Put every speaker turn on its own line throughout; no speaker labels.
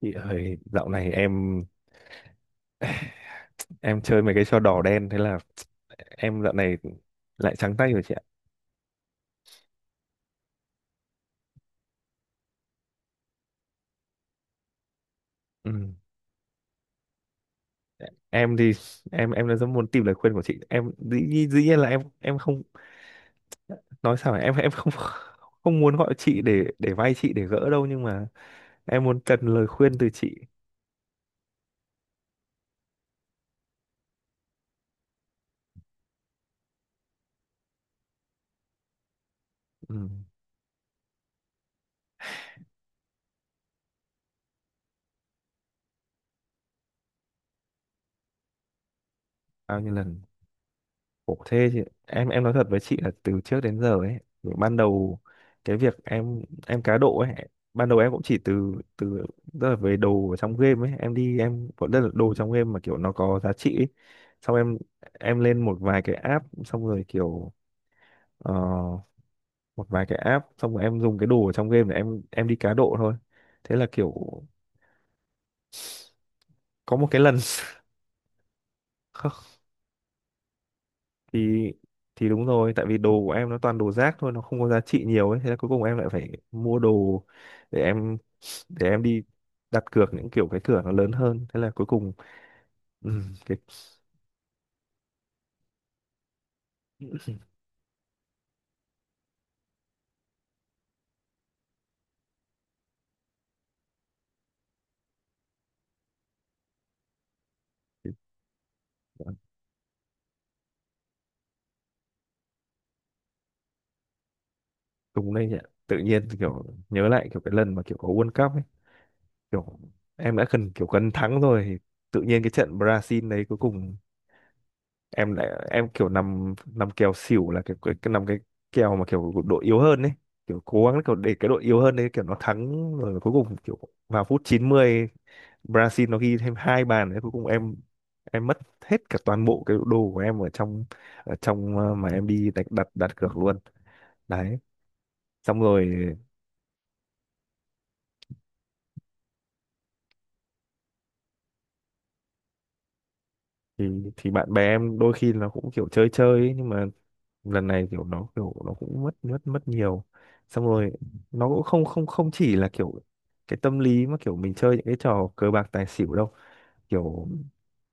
Chị ơi, dạo này em em chơi mấy cái trò đỏ đen thế là em dạo này lại trắng tay rồi chị ạ. Ừ. Em thì em rất muốn tìm lời khuyên của chị. Dĩ nhiên là em không nói sao phải, em không không muốn gọi chị để vay chị để gỡ đâu, nhưng mà em muốn cần lời khuyên từ chị. Ừ. Bao nhiêu lần? Ủa thế thì em nói thật với chị là từ trước đến giờ ấy, ban đầu cái việc em cá độ ấy, ban đầu em cũng chỉ từ từ, tức là về đồ ở trong game ấy, em đi em vẫn rất là đồ trong game mà kiểu nó có giá trị ấy. Xong em lên một vài cái app, xong rồi kiểu ờ, một vài cái app xong rồi em dùng cái đồ ở trong game để em đi cá độ thôi. Thế là kiểu có một cái lần thì thì đúng rồi, tại vì đồ của em nó toàn đồ rác thôi, nó không có giá trị nhiều ấy, thế là cuối cùng em lại phải mua đồ để em để em đi đặt cược những kiểu cái cửa nó lớn hơn, thế là cuối cùng ừ, cái cái- đúng đây nhỉ, tự nhiên kiểu nhớ lại kiểu cái lần mà kiểu có World Cup ấy, kiểu em đã cần kiểu cần thắng rồi, thì tự nhiên cái trận Brazil đấy cuối cùng em lại em kiểu nằm nằm kèo xỉu là cái nằm cái kèo mà kiểu đội yếu hơn ấy, kiểu cố gắng kiểu để cái đội yếu hơn đấy kiểu nó thắng, rồi cuối cùng kiểu vào phút 90, Brazil nó ghi thêm hai bàn đấy, cuối cùng em mất hết cả toàn bộ cái đồ của em ở trong mà em đi đặt đặt đặt cược luôn đấy, xong rồi thì thì bạn bè em đôi khi nó cũng kiểu chơi chơi ấy, nhưng mà lần này kiểu nó cũng mất mất mất nhiều, xong rồi nó cũng không không không chỉ là kiểu cái tâm lý mà kiểu mình chơi những cái trò cờ bạc tài xỉu đâu kiểu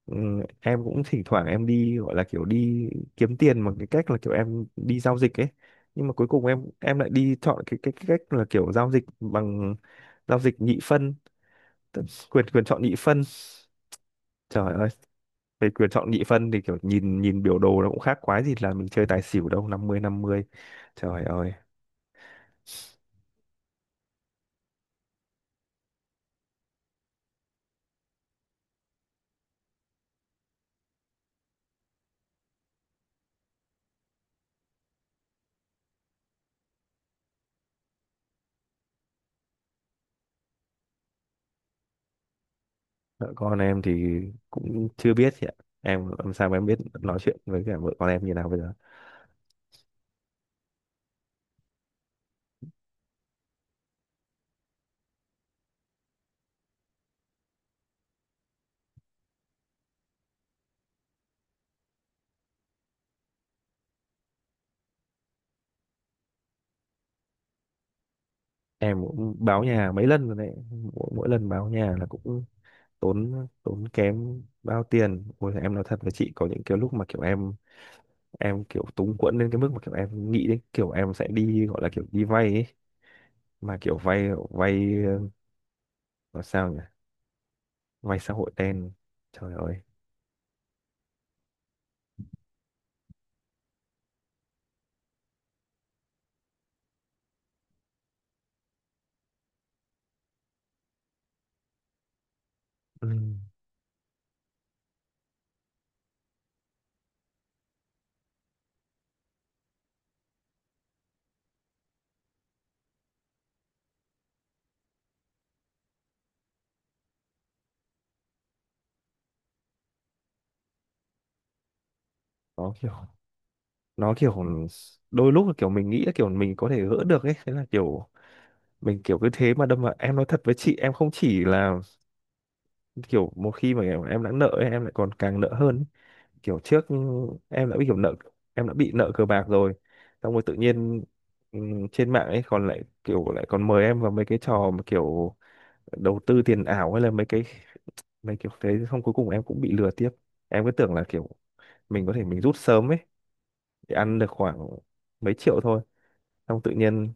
em cũng thỉnh thoảng em đi gọi là kiểu đi kiếm tiền bằng cái cách là kiểu em đi giao dịch ấy, nhưng mà cuối cùng em lại đi chọn cái cách là kiểu giao dịch bằng giao dịch nhị phân, tức quyền quyền chọn nhị phân. Trời ơi, về quyền chọn nhị phân thì kiểu nhìn nhìn biểu đồ nó cũng khác quái gì là mình chơi tài xỉu đâu, 50-50. Trời ơi, vợ con em thì cũng chưa biết chị ạ, em làm sao mà em biết nói chuyện với cả vợ con em như nào bây giờ. Em cũng báo nhà mấy lần rồi đấy, mỗi lần báo nhà là cũng tốn tốn kém bao tiền, ôi em nói thật với chị có những cái lúc mà kiểu em kiểu túng quẫn đến cái mức mà kiểu em nghĩ đến kiểu em sẽ đi gọi là kiểu đi vay ấy, mà kiểu vay vay nói sao nhỉ? Vay xã hội đen. Trời ơi. Ừ. Nó kiểu nó kiểu đôi lúc là kiểu mình nghĩ là kiểu mình có thể gỡ được ấy, thế là kiểu mình kiểu cứ thế mà đâm vào, em nói thật với chị em không chỉ là kiểu một khi mà em đã nợ ấy, em lại còn càng nợ hơn ấy. Kiểu trước em đã bị kiểu nợ, em đã bị nợ cờ bạc rồi, xong rồi tự nhiên trên mạng ấy còn lại kiểu lại còn mời em vào mấy cái trò mà kiểu đầu tư tiền ảo hay là mấy cái mấy kiểu thế, xong cuối cùng em cũng bị lừa tiếp, em cứ tưởng là kiểu mình có thể mình rút sớm ấy, thì ăn được khoảng mấy triệu thôi, xong tự nhiên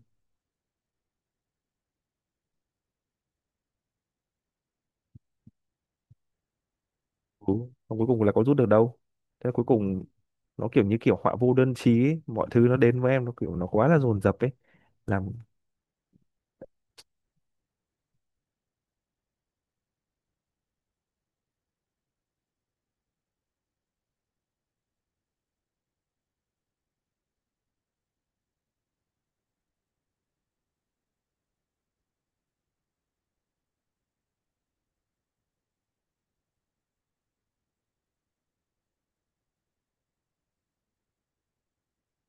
ừ, xong cuối cùng là có rút được đâu, thế là cuối cùng nó kiểu như kiểu họa vô đơn chí ấy. Mọi thứ nó đến với em nó kiểu nó quá là dồn dập ấy, làm.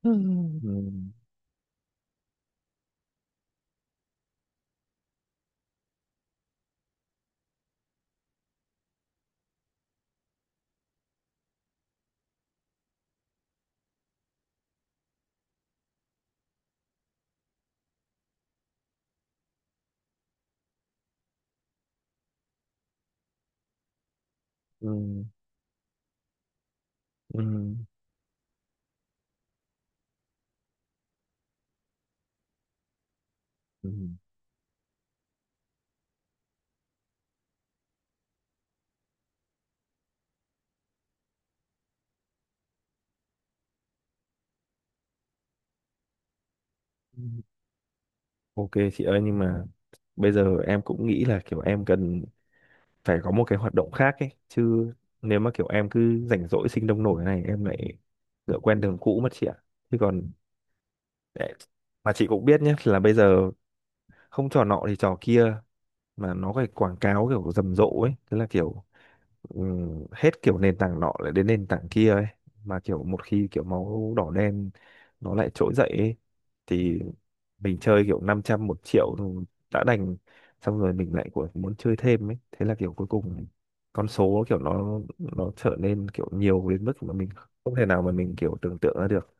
Ừ. Ừ, ừ, ừ, ừ. Ok chị ơi, nhưng mà bây giờ em cũng nghĩ là kiểu em cần phải có một cái hoạt động khác ấy chứ, nếu mà kiểu em cứ rảnh rỗi sinh đông nổi này em lại ngựa quen đường cũ mất chị ạ. Chứ còn để mà chị cũng biết nhé là bây giờ không trò nọ thì trò kia, mà nó phải quảng cáo kiểu rầm rộ ấy, thế là kiểu hết kiểu nền tảng nọ lại đến nền tảng kia ấy, mà kiểu một khi kiểu máu đỏ đen nó lại trỗi dậy ấy, thì mình chơi kiểu 500 1 triệu rồi đã đành, xong rồi mình lại của muốn chơi thêm ấy, thế là kiểu cuối cùng con số kiểu nó trở nên kiểu nhiều đến mức mà mình không thể nào mà mình kiểu tưởng tượng ra được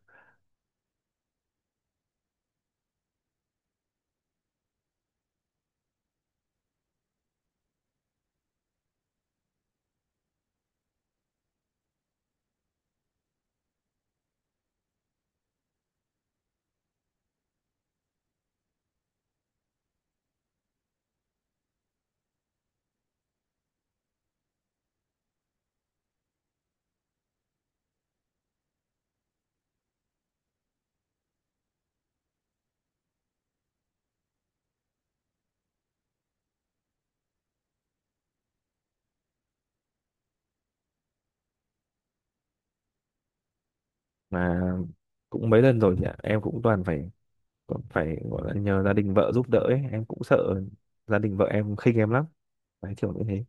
mà. Cũng mấy lần rồi nhỉ, em cũng toàn phải còn phải gọi là nhờ gia đình vợ giúp đỡ ấy. Em cũng sợ gia đình vợ em khinh em lắm, đấy kiểu như thế.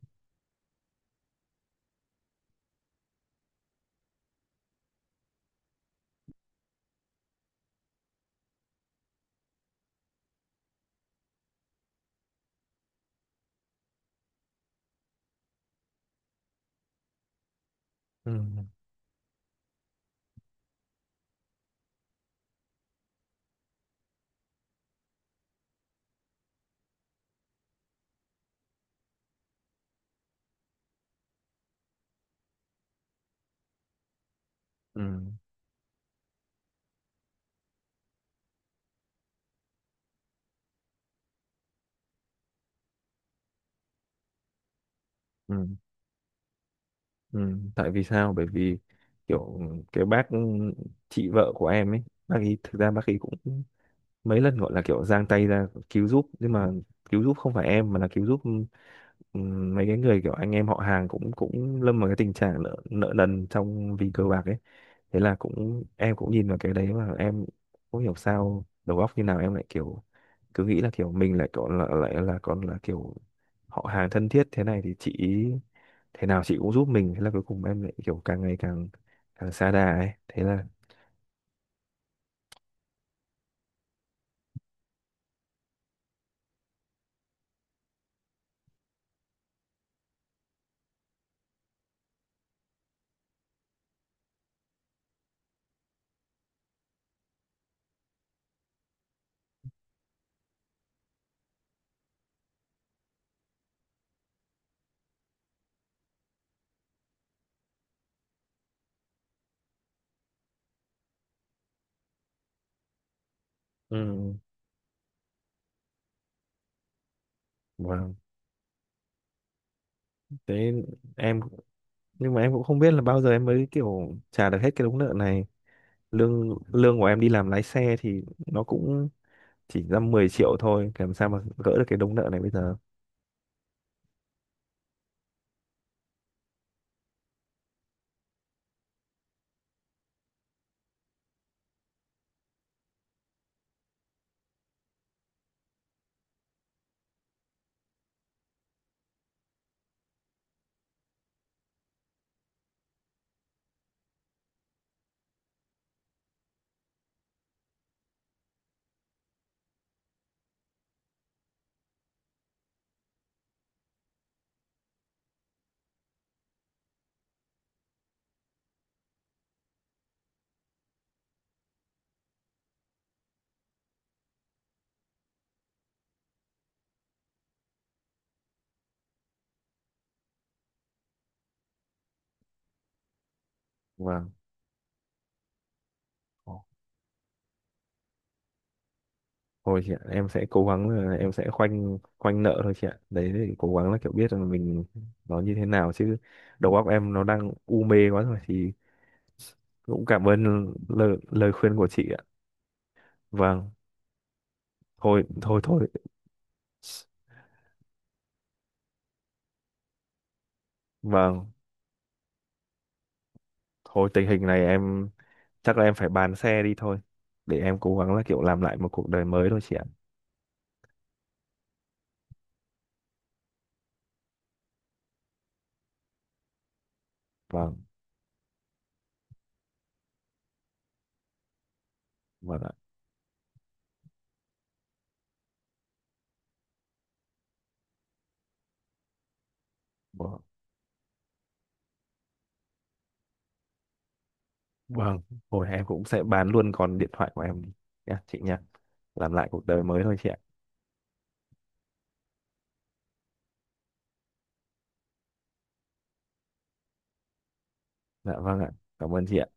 Ừ, ừ, ừ, ừ. Tại vì sao, bởi vì kiểu cái bác chị vợ của em ấy, bác ấy thực ra bác ấy cũng mấy lần gọi là kiểu giang tay ra cứu giúp, nhưng mà cứu giúp không phải em mà là cứu giúp mấy cái người kiểu anh em họ hàng cũng cũng lâm vào cái tình trạng nợ nợ nần trong vì cờ bạc ấy, thế là cũng em cũng nhìn vào cái đấy mà em không hiểu sao đầu óc như nào em lại kiểu cứ nghĩ là kiểu mình lại còn là lại là còn là kiểu họ hàng thân thiết thế này thì chị ý thế nào chị cũng giúp mình, thế là cuối cùng em lại kiểu càng ngày càng càng xa đà ấy, thế là ừ. Wow. Thế em nhưng mà em cũng không biết là bao giờ em mới kiểu trả được hết cái đống nợ này. Lương lương của em đi làm lái xe thì nó cũng chỉ ra 10 triệu thôi, làm sao mà gỡ được cái đống nợ này bây giờ. Vâng. Thôi chị ạ, em sẽ cố gắng là em sẽ khoanh khoanh nợ thôi chị ạ, đấy thì cố gắng là kiểu biết là mình nó như thế nào chứ, đầu óc em nó đang u mê quá rồi thì cũng cảm ơn lời khuyên của chị ạ. Vâng, thôi thôi thôi, vâng. Thôi tình hình này em chắc là em phải bán xe đi thôi, để em cố gắng là kiểu làm lại một cuộc đời mới thôi chị ạ. Vâng, vâng ạ. Vâng, vâng. Hồi em cũng sẽ bán luôn con điện thoại của em đi. Nha, chị nha. Làm lại cuộc đời mới thôi chị ạ. Dạ vâng ạ. Cảm ơn chị ạ.